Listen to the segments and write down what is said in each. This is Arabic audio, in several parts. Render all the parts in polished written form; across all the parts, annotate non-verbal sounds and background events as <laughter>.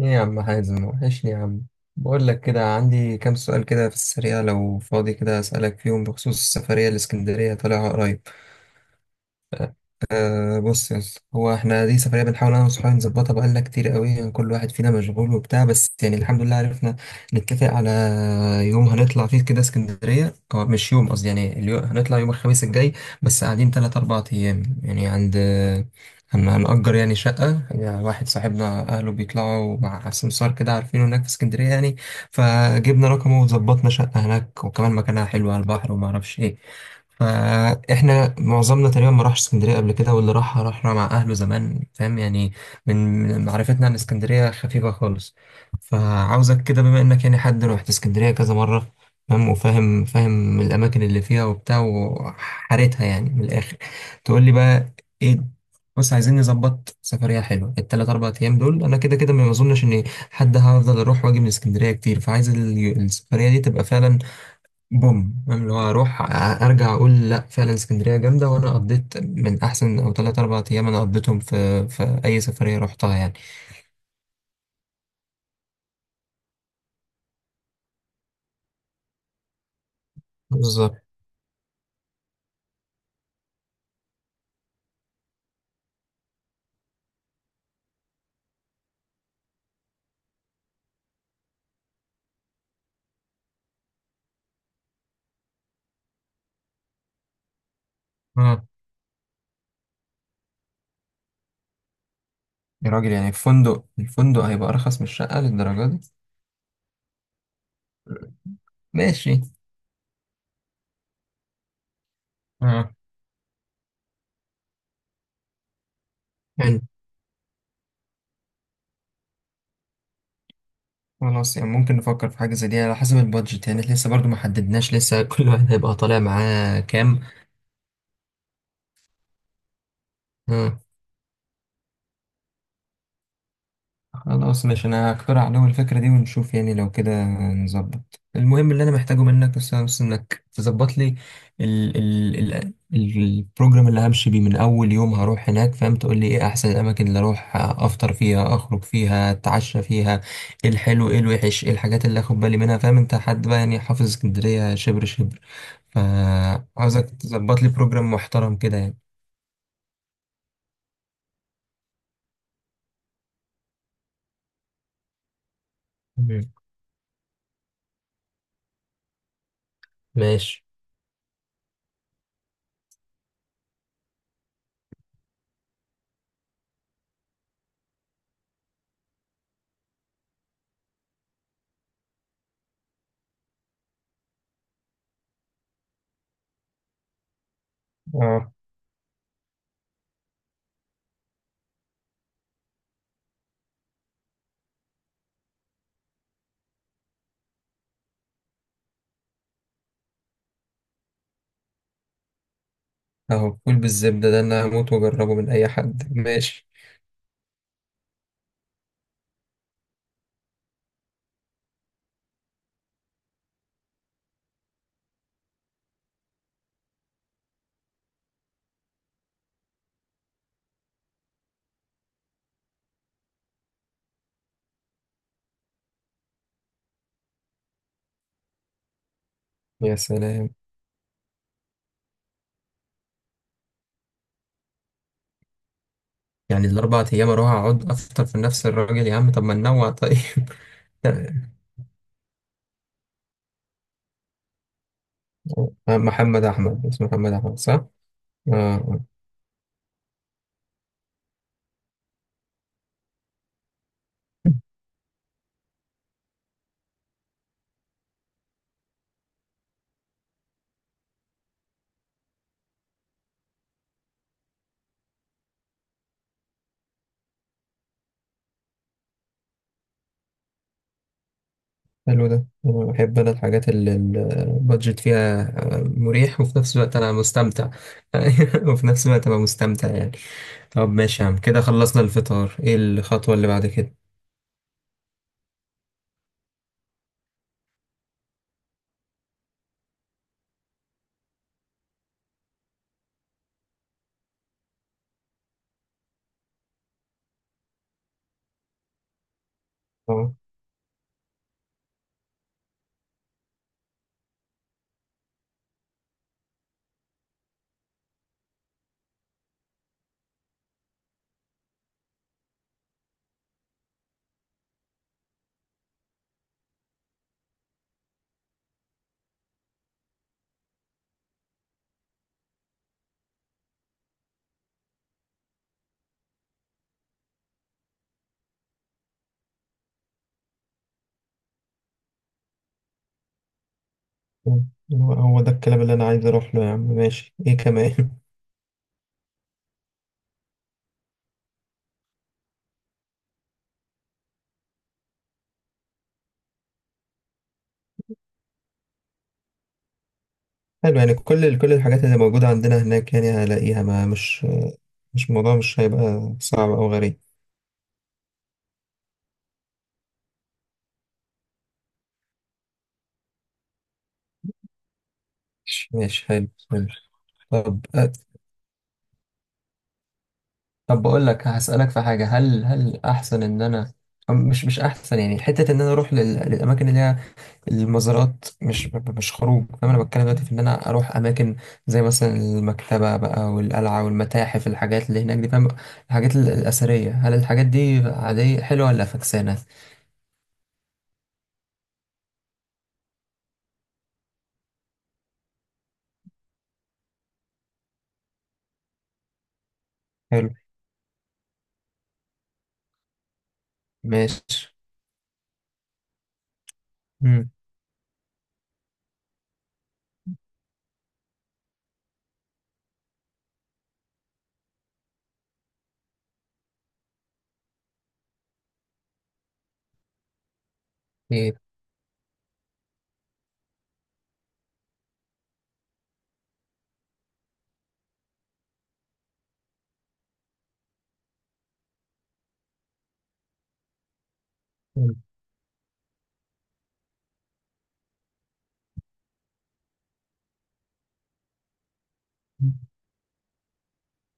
ايه يا عم حازم، وحشني يا عم. بقول لك كده، عندي كام سؤال كده في السريع، لو فاضي كده اسالك فيهم بخصوص السفريه، الاسكندريه طالعها قريب. أه، بص يا اسطى، هو احنا دي سفرية بنحاول انا وصحابي نظبطها، بقالنا كتير قوي يعني، كل واحد فينا مشغول وبتاع، بس يعني الحمد لله عرفنا نتفق على يوم هنطلع فيه كده اسكندرية، او مش يوم قصدي، يعني اليوم هنطلع يوم الخميس الجاي، بس قاعدين تلات اربع ايام يعني، عند هنأجر يعني شقة، يعني واحد صاحبنا أهله بيطلعوا مع سمسار كده عارفينه هناك في اسكندرية يعني، فجبنا رقمه وظبطنا شقة هناك، وكمان مكانها حلو على البحر وما أعرفش إيه. فاحنا معظمنا تقريبا ما راحش اسكندريه قبل كده، واللي راح راح مع اهله زمان، فاهم يعني، من معرفتنا عن اسكندريه خفيفه خالص. فعاوزك كده، بما انك يعني حد روحت اسكندريه كذا مره، فاهم وفاهم، فاهم الاماكن اللي فيها وبتاع وحارتها يعني، من الاخر تقول لي بقى ايه. بص، عايزين نظبط سفريه حلوه التلات اربع ايام دول، انا كده كده ما اظنش ان حد هفضل اروح واجي من اسكندريه كتير، فعايز السفريه دي تبقى فعلا بوم، فاهم، اللي هو اروح ارجع اقول لا فعلا اسكندريه جامده وانا قضيت من احسن، او ثلاث اربع ايام انا قضيتهم في اي سفريه رحتها يعني. بالظبط، اه. يا راجل يعني الفندق هيبقى ارخص من الشقه للدرجه دي؟ ماشي. اه. حلو. خلاص، يعني ممكن نفكر في حاجه زي دي على حسب البادجت، يعني لسه برضو ما حددناش، لسه كل واحد هيبقى طالع معاه كام. آه. خلاص ماشي، انا هقترح عليهم الفكرة دي ونشوف يعني لو كده نظبط، المهم اللي انا محتاجه منك، بس انك تظبط لي ال ال ال البروجرام اللي همشي بيه من اول يوم هروح هناك، فاهم، تقول لي ايه احسن الاماكن اللي اروح افطر فيها، اخرج فيها، اتعشى فيها، ايه الحلو، ايه الوحش، ايه الحاجات اللي اخد بالي منها، فاهم، انت حد بقى يعني حافظ اسكندرية شبر شبر، فعاوزك تظبط لي بروجرام محترم كده يعني. مم. ماشي. اه. اهو فول بالزبدة ده انا هموت واجربه من اي حد، ماشي. يا سلام. يعني الاربع ايام اروح اقعد افطر في نفس الراجل يا عم؟ طب ما ننوع، طيب. <laughs> محمد احمد، اسمه محمد احمد صح، اه. آه. حلو ده، أنا بحب انا الحاجات اللي البادجت فيها، آه، مريح، وفي نفس الوقت انا مستمتع. <laughs> وفي نفس الوقت ابقى مستمتع يعني. طب ماشي يا عم، كده خلصنا الفطار، ايه الخطوة اللي بعد كده؟ اه، هو ده الكلام اللي انا عايز اروح له يا عم، ماشي، ايه كمان؟ حلو، يعني كل الحاجات اللي موجودة عندنا هناك يعني هلاقيها، ما مش مش الموضوع مش هيبقى صعب أو غريب. ماشي ماشي، حلو حلو. طب أ- طب بقول لك هسألك في حاجة، هل أحسن إن أنا مش أحسن يعني، حتة إن أنا أروح للأماكن اللي هي المزارات، مش مش خروج، فاهم، أنا بتكلم دلوقتي في إن أنا أروح أماكن زي مثلا المكتبة بقى، والقلعة، والمتاحف، الحاجات اللي هناك دي، فاهم، الحاجات الأثرية، هل الحاجات دي عادية حلوة ولا فكسانة؟ حلو. ماشي. مم. إيه. مم.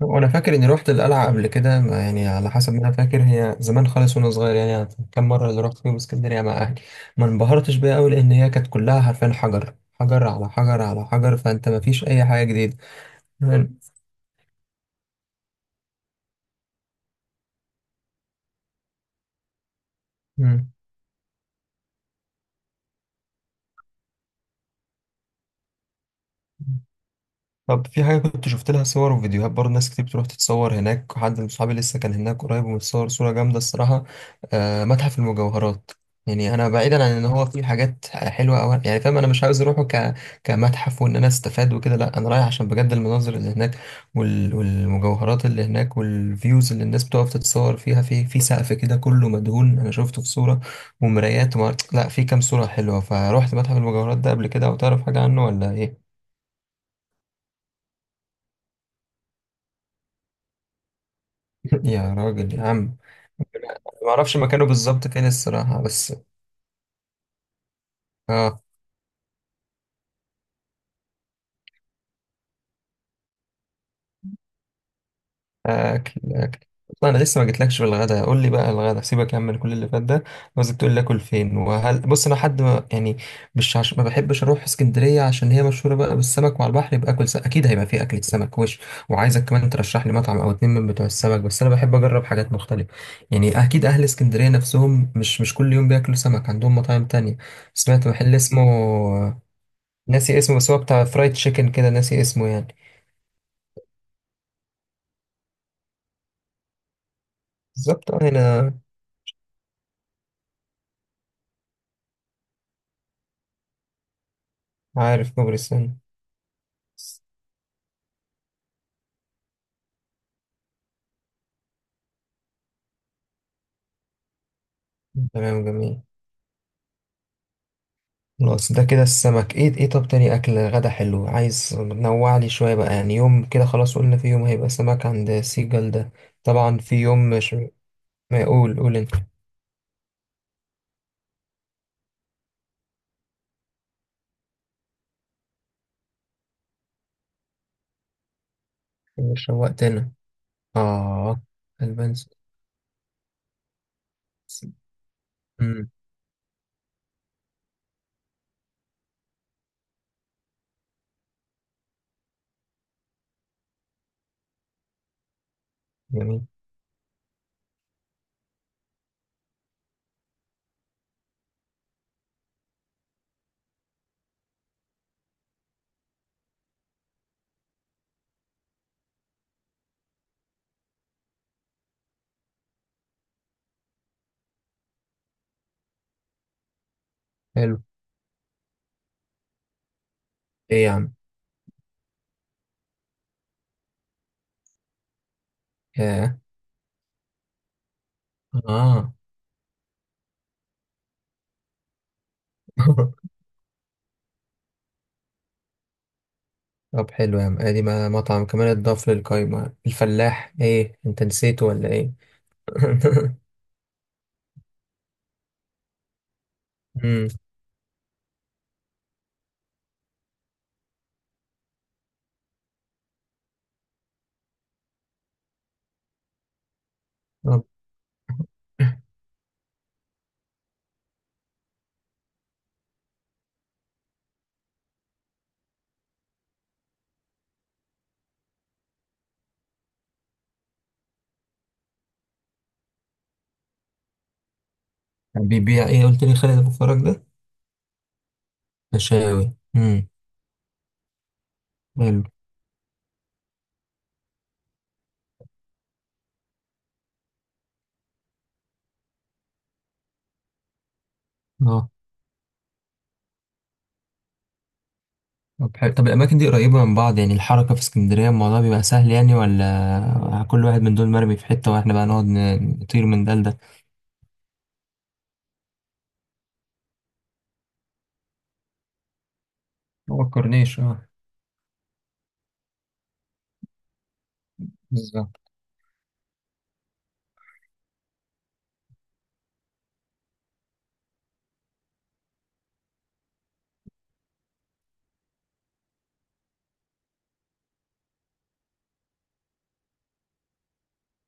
وانا فاكر اني روحت القلعه قبل كده، يعني على حسب ما انا فاكر هي زمان خالص وانا صغير يعني، كم مره اللي رحت فيهم اسكندريه مع اهلي، ما انبهرتش بيها قوي، لان هي كانت كلها حرفيا حجر، حجر على حجر على حجر، فانت ما فيش اي حاجه جديده. مم. مم. طب في حاجة كنت شفت لها صور وفيديوهات برضه، ناس كتير بتروح تتصور هناك، حد من صحابي لسه كان هناك قريب ومتصور صورة جامدة الصراحة، آه، متحف المجوهرات، يعني أنا بعيدا عن إن هو فيه حاجات حلوة أو يعني فاهم، أنا مش عاوز أروحه كمتحف وإن أنا أستفاد وكده، لأ، أنا رايح عشان بجد المناظر اللي هناك، والمجوهرات اللي هناك، والفيوز اللي الناس بتقف تتصور فيها، في سقف كده كله مدهون، أنا شفته في صورة ومرايات لأ في كام صورة حلوة، فروحت متحف المجوهرات ده قبل كده؟ أو تعرف حاجة عنه ولا إيه؟ <laughs> يا راجل يا عم. ما اعرفش مكانه بالظبط فين الصراحه، بس. اه. اكل اكل. طب انا لسه ما جيتلكش في الغدا، قول لي بقى الغدا، سيبك يا عم من كل اللي فات ده، عاوزك تقول لي اكل فين، وهل، بص انا حد ما يعني مش ما بحبش اروح اسكندريه عشان هي مشهوره بقى بالسمك، وعلى البحر يبقى اكل سمك اكيد هيبقى فيه اكله سمك وش، وعايزك كمان ترشح لي مطعم او اتنين من بتوع السمك، بس انا بحب اجرب حاجات مختلفه يعني، اكيد اهل اسكندريه نفسهم مش كل يوم بياكلوا سمك، عندهم مطاعم تانية. سمعت محل اسمه، ناسي اسمه، بس هو بتاع فرايد تشيكن كده، ناسي اسمه يعني. بالظبط، اه، هنا. عارف كوبري السن. تمام، جميل. خلاص، ده كده السمك، ايه طب تاني اكل غدا حلو، عايز نوع لي شويه بقى، يعني يوم كده خلاص قلنا في يوم هيبقى سمك عند سيجال ده، طبعا في يوم مش. ما يقول قول انت. مش شوقتنا. اه. البان سويسرا. امم. جميل. حلو. ايه يا عم؟ ياه. اه. <laughs> طب حلو يا عم، ادي مطعم كمان اتضاف للقايمه، الفلاح، ايه، انت نسيته ولا ايه؟ <laughs> امم. بيبيع ايه؟ قلت لي خالد ابو فرج ده؟ مشاوي. امم. حلو. اه. طب حلو، طب الاماكن دي قريبه من بعض يعني، الحركه في اسكندريه الموضوع بيبقى سهل يعني، ولا كل واحد من دول مرمي في حته واحنا بقى نقعد نطير من ده لده؟ ما فكرنيش، اه. بالظبط.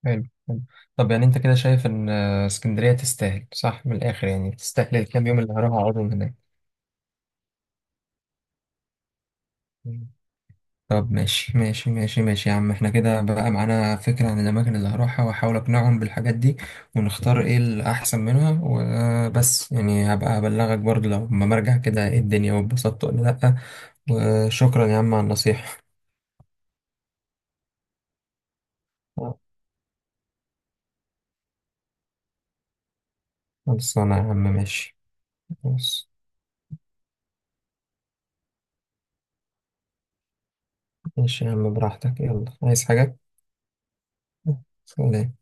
حلو حلو. طب يعني انت كده شايف ان اسكندريه تستاهل صح من الاخر، يعني تستاهل الكام يوم اللي هروح اقعدهم هناك. طب ماشي ماشي ماشي ماشي يا عم، احنا كده بقى معانا فكرة عن الأماكن اللي هروحها وأحاول أقنعهم بالحاجات دي ونختار إيه الأحسن منها، وبس يعني هبقى أبلغك برضو لو ما مرجع كده إيه الدنيا واتبسطت ولا لأ، وشكرا يا عم على النصيحة. خلصانة يا عم، ماشي. بص. ماشي يا عم براحتك، يلا، عايز حاجة؟ سلام.